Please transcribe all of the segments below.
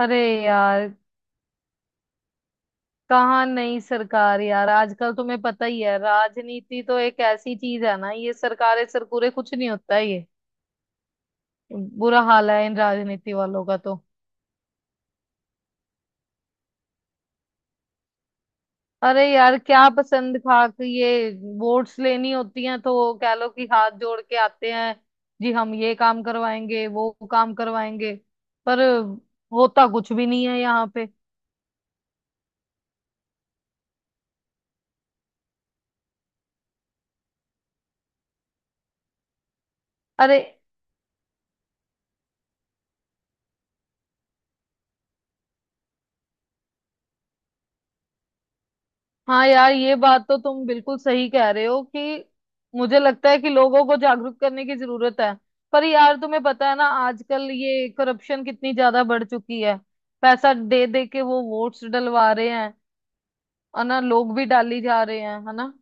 अरे यार कहाँ नई सरकार यार। आजकल तुम्हें पता ही है, राजनीति तो एक ऐसी चीज है ना, ये सरकारें सरकूरे कुछ नहीं होता है। ये बुरा हाल है इन राजनीति वालों का तो। अरे यार क्या पसंद खा के, ये वोट्स लेनी होती हैं तो कह लो कि हाथ जोड़ के आते हैं, जी हम ये काम करवाएंगे वो काम करवाएंगे, पर होता कुछ भी नहीं है यहाँ पे। अरे हाँ यार ये बात तो तुम बिल्कुल सही कह रहे हो कि मुझे लगता है कि लोगों को जागरूक करने की जरूरत है। पर यार तुम्हें पता है ना, आजकल ये करप्शन कितनी ज्यादा बढ़ चुकी है, पैसा दे दे के वो वोट्स डलवा रहे हैं और ना लोग भी डाली जा रहे हैं, है ना।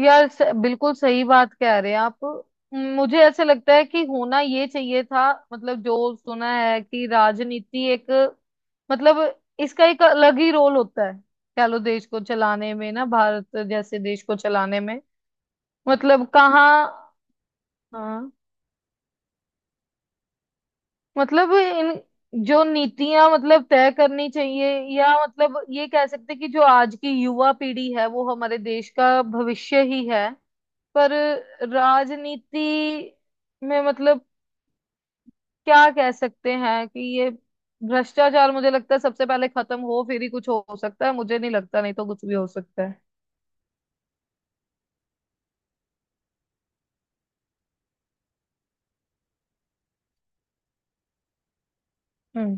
यार बिल्कुल सही बात कह रहे हैं आप। मुझे ऐसे लगता है कि होना ये चाहिए था, मतलब जो सुना है कि राजनीति एक, मतलब इसका एक अलग ही रोल होता है, कह लो देश को चलाने में ना, भारत जैसे देश को चलाने में। मतलब कहाँ। हाँ मतलब इन जो नीतियां मतलब तय करनी चाहिए, या मतलब ये कह सकते हैं कि जो आज की युवा पीढ़ी है वो हमारे देश का भविष्य ही है। पर राजनीति में मतलब क्या कह सकते हैं कि ये भ्रष्टाचार मुझे लगता है सबसे पहले खत्म हो, फिर ही कुछ हो सकता है, मुझे नहीं लगता, नहीं तो कुछ भी हो सकता है। हम्म।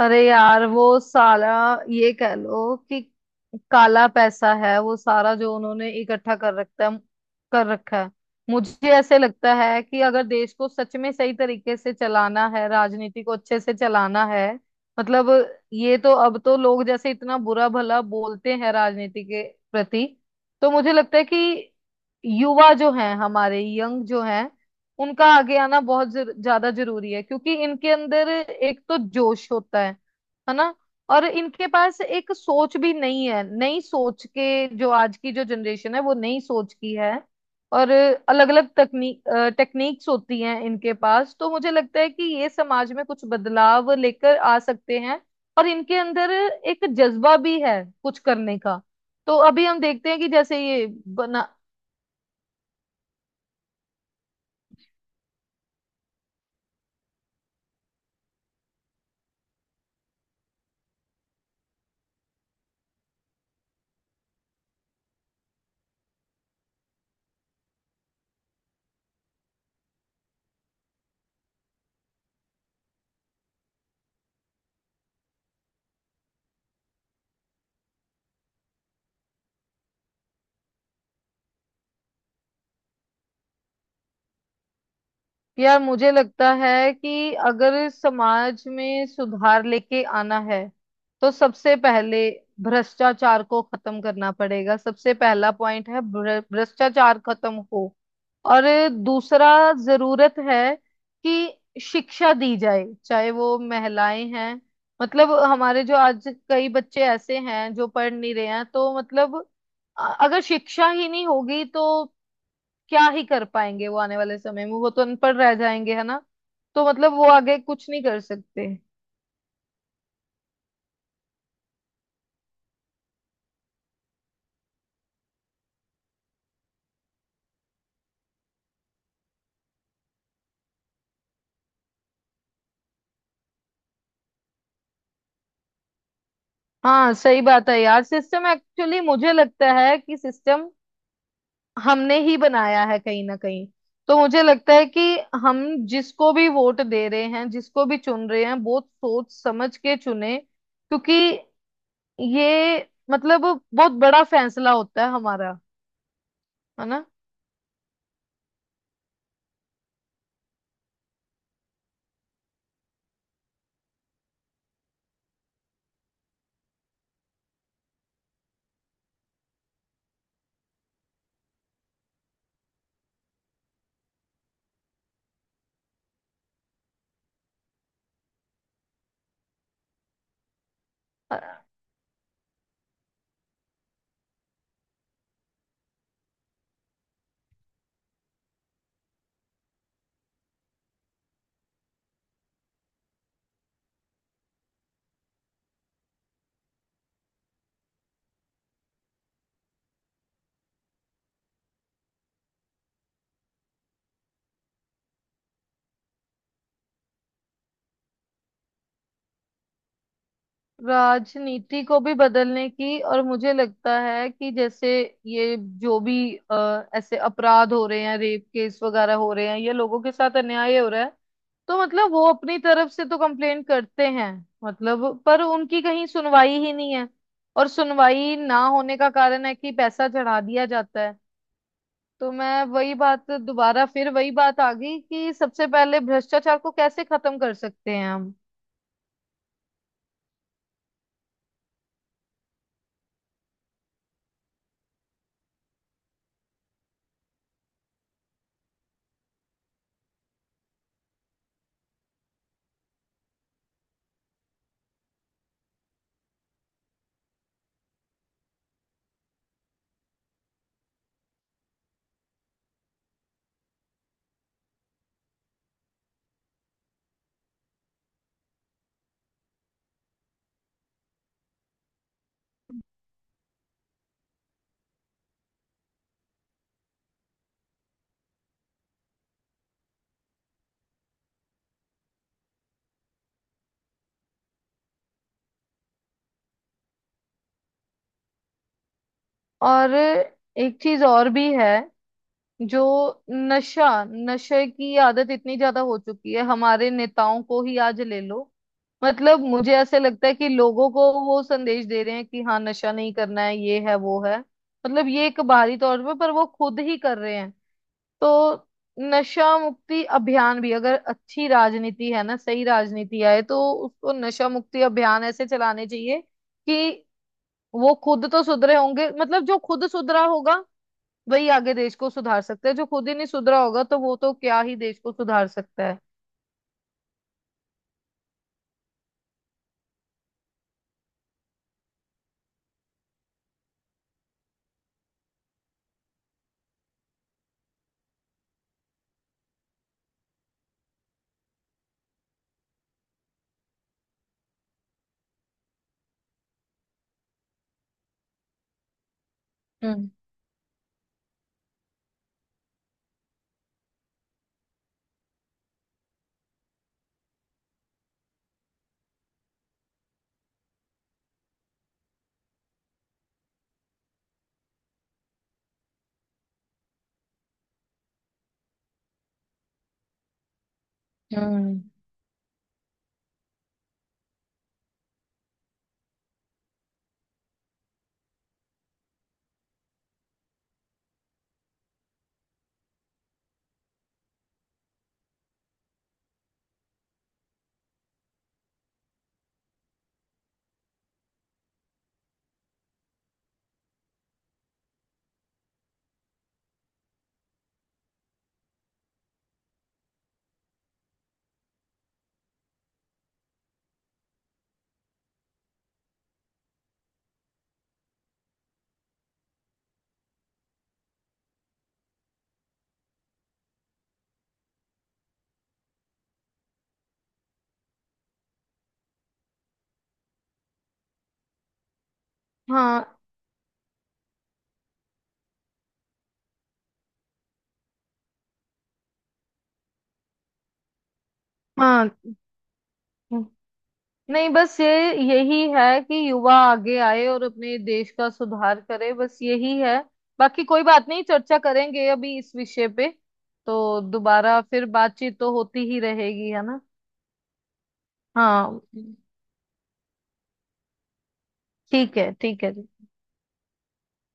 अरे यार वो सारा, ये कह लो कि काला पैसा है वो सारा जो उन्होंने इकट्ठा कर रखा है। मुझे ऐसे लगता है कि अगर देश को सच में सही तरीके से चलाना है, राजनीति को अच्छे से चलाना है, मतलब ये तो अब तो लोग जैसे इतना बुरा भला बोलते हैं राजनीति के प्रति, तो मुझे लगता है कि युवा जो हैं, हमारे यंग जो हैं, उनका आगे आना बहुत ज्यादा जरूरी है, क्योंकि इनके अंदर एक तो जोश होता है ना। और इनके पास एक सोच भी नहीं है, नई सोच के, जो आज की जो जनरेशन है वो नई सोच की है। और अलग अलग तकनीक टेक्निक्स होती हैं इनके पास, तो मुझे लगता है कि ये समाज में कुछ बदलाव लेकर आ सकते हैं, और इनके अंदर एक जज्बा भी है कुछ करने का। तो अभी हम देखते हैं कि जैसे ये बना। यार मुझे लगता है कि अगर समाज में सुधार लेके आना है तो सबसे पहले भ्रष्टाचार को खत्म करना पड़ेगा, सबसे पहला पॉइंट है भ्रष्टाचार खत्म हो। और दूसरा जरूरत है कि शिक्षा दी जाए, चाहे वो महिलाएं हैं, मतलब हमारे जो आज कई बच्चे ऐसे हैं जो पढ़ नहीं रहे हैं, तो मतलब अगर शिक्षा ही नहीं होगी तो क्या ही कर पाएंगे वो आने वाले समय में, वो तो अनपढ़ रह जाएंगे, है ना। तो मतलब वो आगे कुछ नहीं कर सकते। हाँ सही बात है यार, सिस्टम एक्चुअली मुझे लगता है कि सिस्टम हमने ही बनाया है कहीं ना कहीं। तो मुझे लगता है कि हम जिसको भी वोट दे रहे हैं, जिसको भी चुन रहे हैं, बहुत सोच समझ के चुने, क्योंकि ये मतलब बहुत बड़ा फैसला होता है हमारा, है ना। राजनीति को भी बदलने की, और मुझे लगता है कि जैसे ये जो भी ऐसे अपराध हो रहे हैं, रेप केस वगैरह हो रहे हैं, या लोगों के साथ अन्याय हो रहा है, तो मतलब वो अपनी तरफ से तो कंप्लेन करते हैं, मतलब पर उनकी कहीं सुनवाई ही नहीं है। और सुनवाई ना होने का कारण है कि पैसा चढ़ा दिया जाता है। तो मैं वही बात दोबारा, फिर वही बात आ गई कि सबसे पहले भ्रष्टाचार को कैसे खत्म कर सकते हैं हम। और एक चीज और भी है, जो नशा, नशे की आदत इतनी ज्यादा हो चुकी है, हमारे नेताओं को ही आज ले लो। मतलब मुझे ऐसे लगता है कि लोगों को वो संदेश दे रहे हैं कि हाँ नशा नहीं करना है, ये है वो है, मतलब ये एक बाहरी तौर पे, पर वो खुद ही कर रहे हैं। तो नशा मुक्ति अभियान भी अगर अच्छी राजनीति है ना, सही राजनीति आए, तो उसको नशा मुक्ति अभियान ऐसे चलाने चाहिए कि वो खुद तो सुधरे होंगे, मतलब जो खुद सुधरा होगा वही आगे देश को सुधार सकता है, जो खुद ही नहीं सुधरा होगा तो वो तो क्या ही देश को सुधार सकता है। हम्म। हम्म। हाँ। हाँ। हम्म। नहीं बस ये, यही है कि युवा आगे आए और अपने देश का सुधार करे, बस यही है, बाकी कोई बात नहीं चर्चा करेंगे अभी इस विषय पे। तो दोबारा फिर बातचीत तो होती ही रहेगी, है ना। हाँ ठीक है, ठीक है।